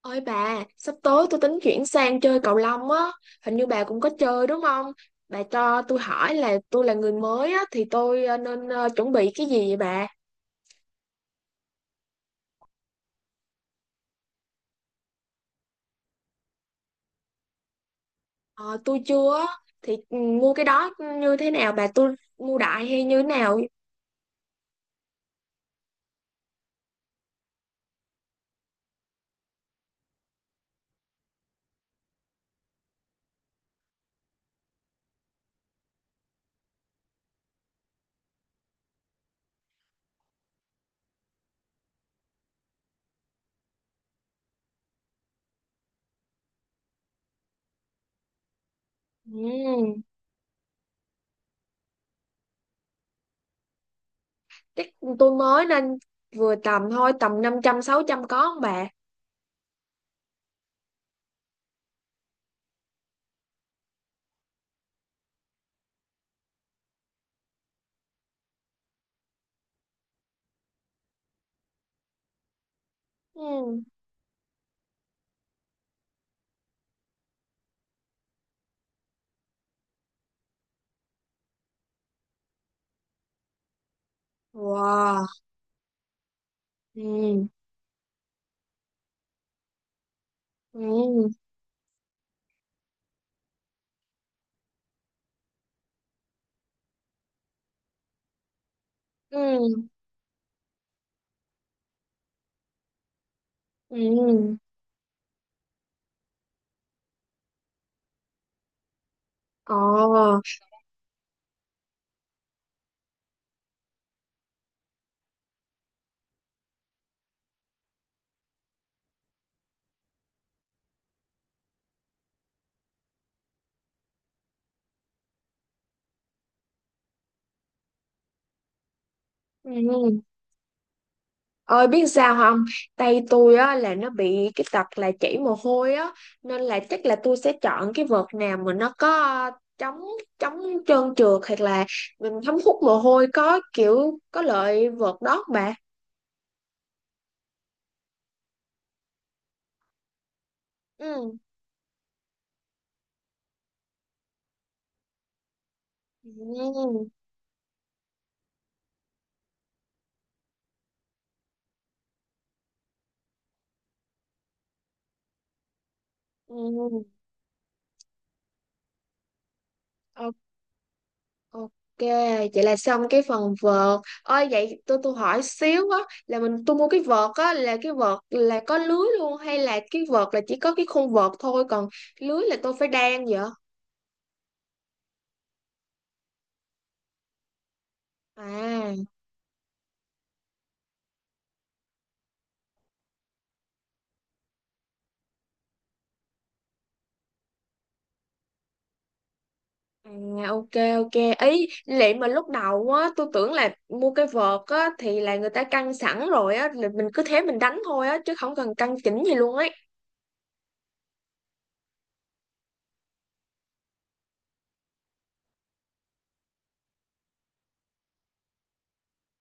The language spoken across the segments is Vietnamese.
Ôi bà, sắp tới tôi tính chuyển sang chơi cầu lông á, hình như bà cũng có chơi đúng không? Bà cho tôi hỏi là tôi là người mới á, thì tôi nên chuẩn bị cái gì vậy bà? Ờ, tôi chưa, á, thì mua cái đó như thế nào bà? Tôi mua đại hay như thế nào? Ừm, Chắc tôi mới nên vừa tầm thôi, tầm 500 600 có không bà? Ừm. Wow. Ừm, ừm, ừm, ừm. Ờ. Ừm. Ơi biết sao không? Tay tôi á là nó bị cái tật là chảy mồ hôi á, nên là chắc là tôi sẽ chọn cái vợt nào mà nó có ờ, chống chống trơn trượt hoặc là mình thấm hút mồ hôi có kiểu có lợi vợt đó bà. Ừ. Ừ. Ừ. O- Ok, vậy là xong cái phần vợt. Ơi vậy tôi hỏi xíu á, là mình tôi mua cái vợt á là cái vợt là có lưới luôn hay là cái vợt là chỉ có cái khung vợt thôi, còn lưới là tôi phải đan vậy? À. À, ok, ok, ý lệ mà lúc đầu á tôi tưởng là mua cái vợt á thì là người ta căng sẵn rồi á, là mình cứ thế mình đánh thôi á chứ không cần căng chỉnh gì luôn ấy.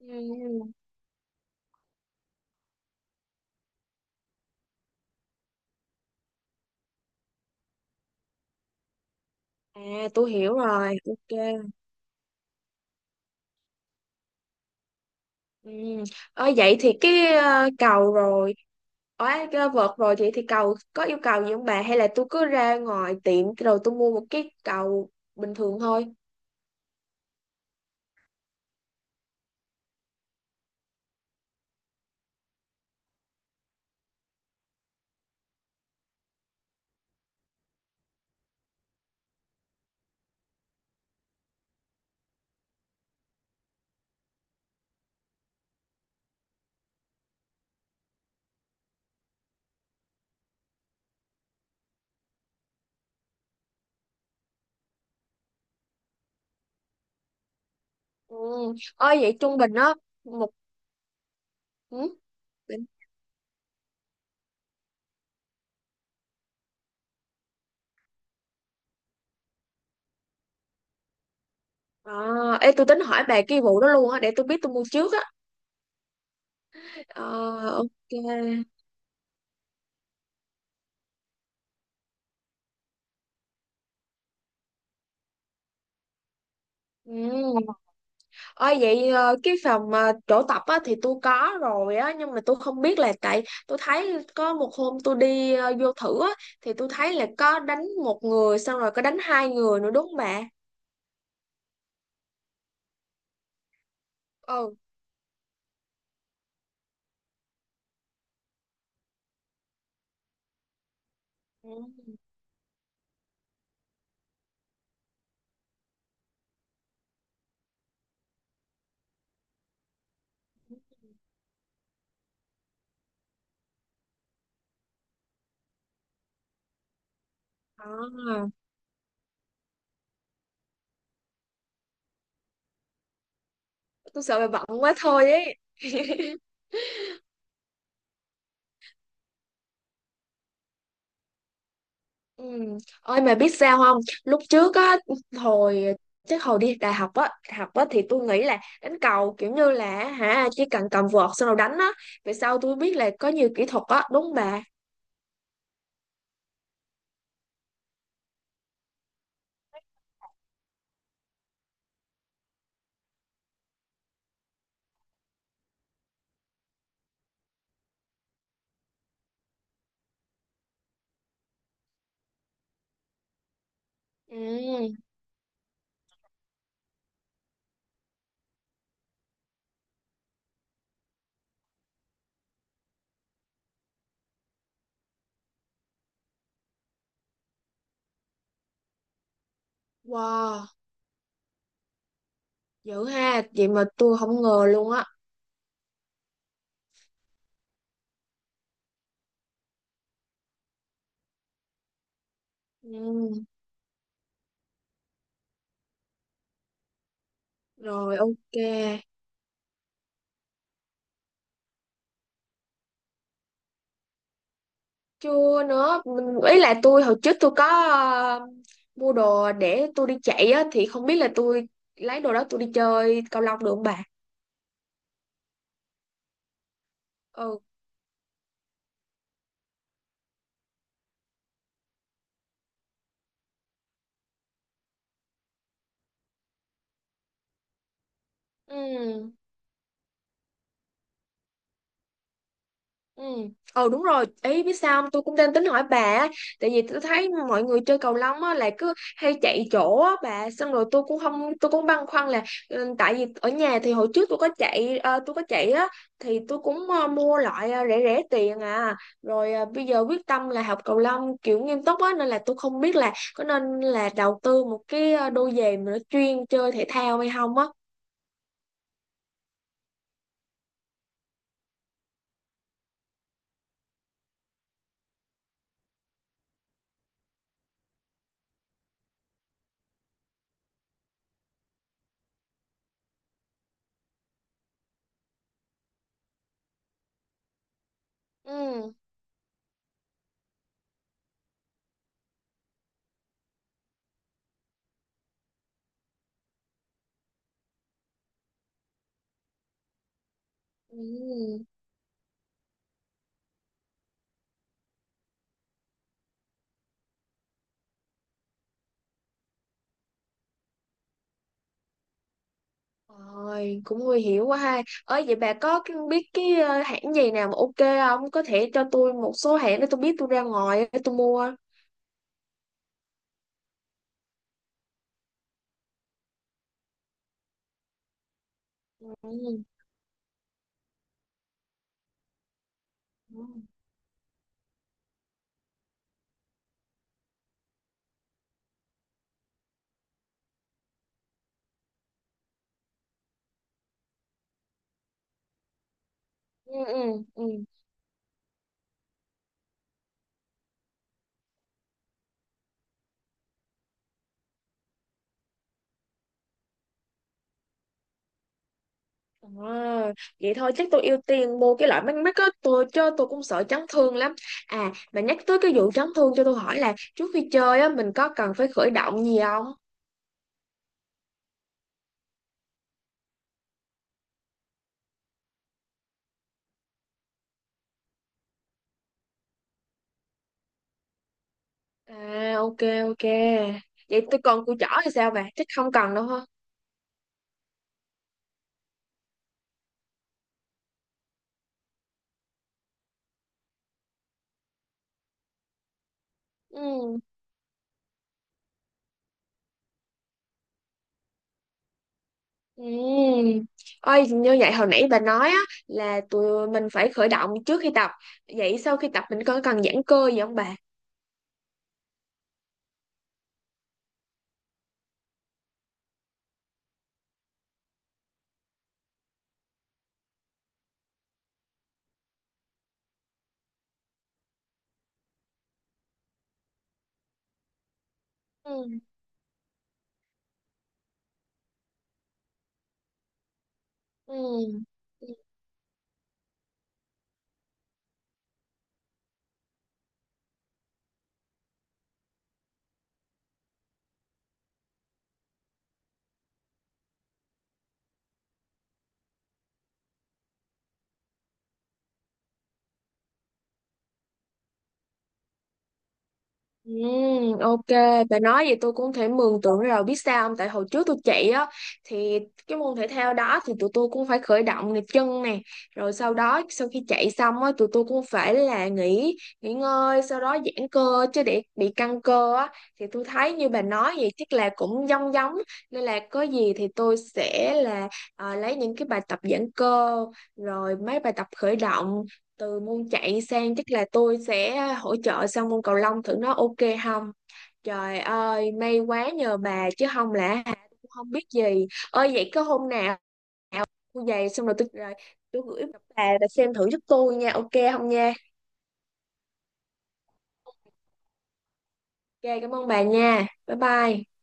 Ừ. À, tôi hiểu rồi, ok. Ừ. Vậy thì cái cầu rồi, ở cái vợt rồi, vậy thì cầu có yêu cầu gì không bà, hay là tôi cứ ra ngoài tiệm rồi tôi mua một cái cầu bình thường thôi. Ừ. Ơi vậy trung bình á, một... Ừ? À. Ê, tôi tính hỏi bà cái vụ đó luôn á để tôi biết tôi mua trước á. Ờ, ok. Ừ. Ôi vậy cái phòng chỗ tập á thì tôi có rồi á, nhưng mà tôi không biết là tại tôi thấy có một hôm tôi đi vô thử á, thì tôi thấy là có đánh một người xong rồi có đánh hai người nữa đúng không bà. Ừ. Ừ. À, tôi sợ bà bận quá thôi ấy. Ừ. Ôi mà biết sao không, lúc trước á, hồi chắc hồi đi đại học á, học á, thì tôi nghĩ là đánh cầu kiểu như là hả, chỉ cần cầm vợt xong rồi đánh á, về sau tôi biết là có nhiều kỹ thuật á đúng không bà. Ừ. Wow, dữ ha, vậy mà tôi không ngờ luôn á. Ừ. Rồi, ok. Chưa nữa, mình ý là tôi hồi trước tôi có mua đồ để tôi đi chạy á, thì không biết là tôi lấy đồ đó tôi đi chơi cầu lông được không bà. Ừ. Ừ. Ừ. Ờ đúng rồi, ý biết sao không? Tôi cũng đang tính hỏi bà á, tại vì tôi thấy mọi người chơi cầu lông á là cứ hay chạy chỗ á bà, xong rồi tôi cũng không, tôi cũng băn khoăn là ừ, tại vì ở nhà thì hồi trước tôi có chạy tôi có chạy á thì tôi cũng mua loại rẻ rẻ tiền à, rồi bây giờ quyết tâm là học cầu lông kiểu nghiêm túc á, nên là tôi không biết là có nên là đầu tư một cái đôi giày mà nó chuyên chơi thể thao hay không á. Ừ. Ừ. Rồi, cũng nguy hiểm quá ha. Ơi vậy bà có biết cái hãng gì nào mà ok không? Có thể cho tôi một số hãng để tôi biết tôi ra ngoài để tôi mua. Ừ. Ừ, ừ, ừ. À, vậy thôi chắc tôi ưu tiên mua cái loại mắt mắt á tôi, chứ tôi cũng sợ chấn thương lắm. À mà nhắc tới cái vụ chấn thương, cho tôi hỏi là trước khi chơi á mình có cần phải khởi động gì không? À, ok, ok, vậy tôi còn cùi chỏ thì sao bà, chắc không cần đâu ha. Ừ. Ừm. Ôi, như vậy hồi nãy bà nói á, là tụi mình phải khởi động trước khi tập. Vậy sau khi tập mình có cần giãn cơ gì không bà? Ừ. Ừ. Ừ, ok, bà nói vậy tôi cũng thể mường tượng rồi, biết sao không? Tại hồi trước tôi chạy á thì cái môn thể thao đó thì tụi tôi cũng phải khởi động này chân nè, rồi sau đó sau khi chạy xong á tụi tôi cũng phải là nghỉ nghỉ ngơi, sau đó giãn cơ chứ để bị căng cơ á, thì tôi thấy như bà nói vậy chắc là cũng giống giống, nên là có gì thì tôi sẽ là à, lấy những cái bài tập giãn cơ rồi mấy bài tập khởi động từ môn chạy sang, chắc là tôi sẽ hỗ trợ sang môn cầu lông thử nó ok không. Trời ơi may quá nhờ bà chứ không là hả, tôi cũng không biết gì. Ơi vậy có hôm nào tôi về xong rồi tôi gửi bà xem thử giúp tôi nha, ok không nha? Ok, cảm ơn bà nha, bye bye.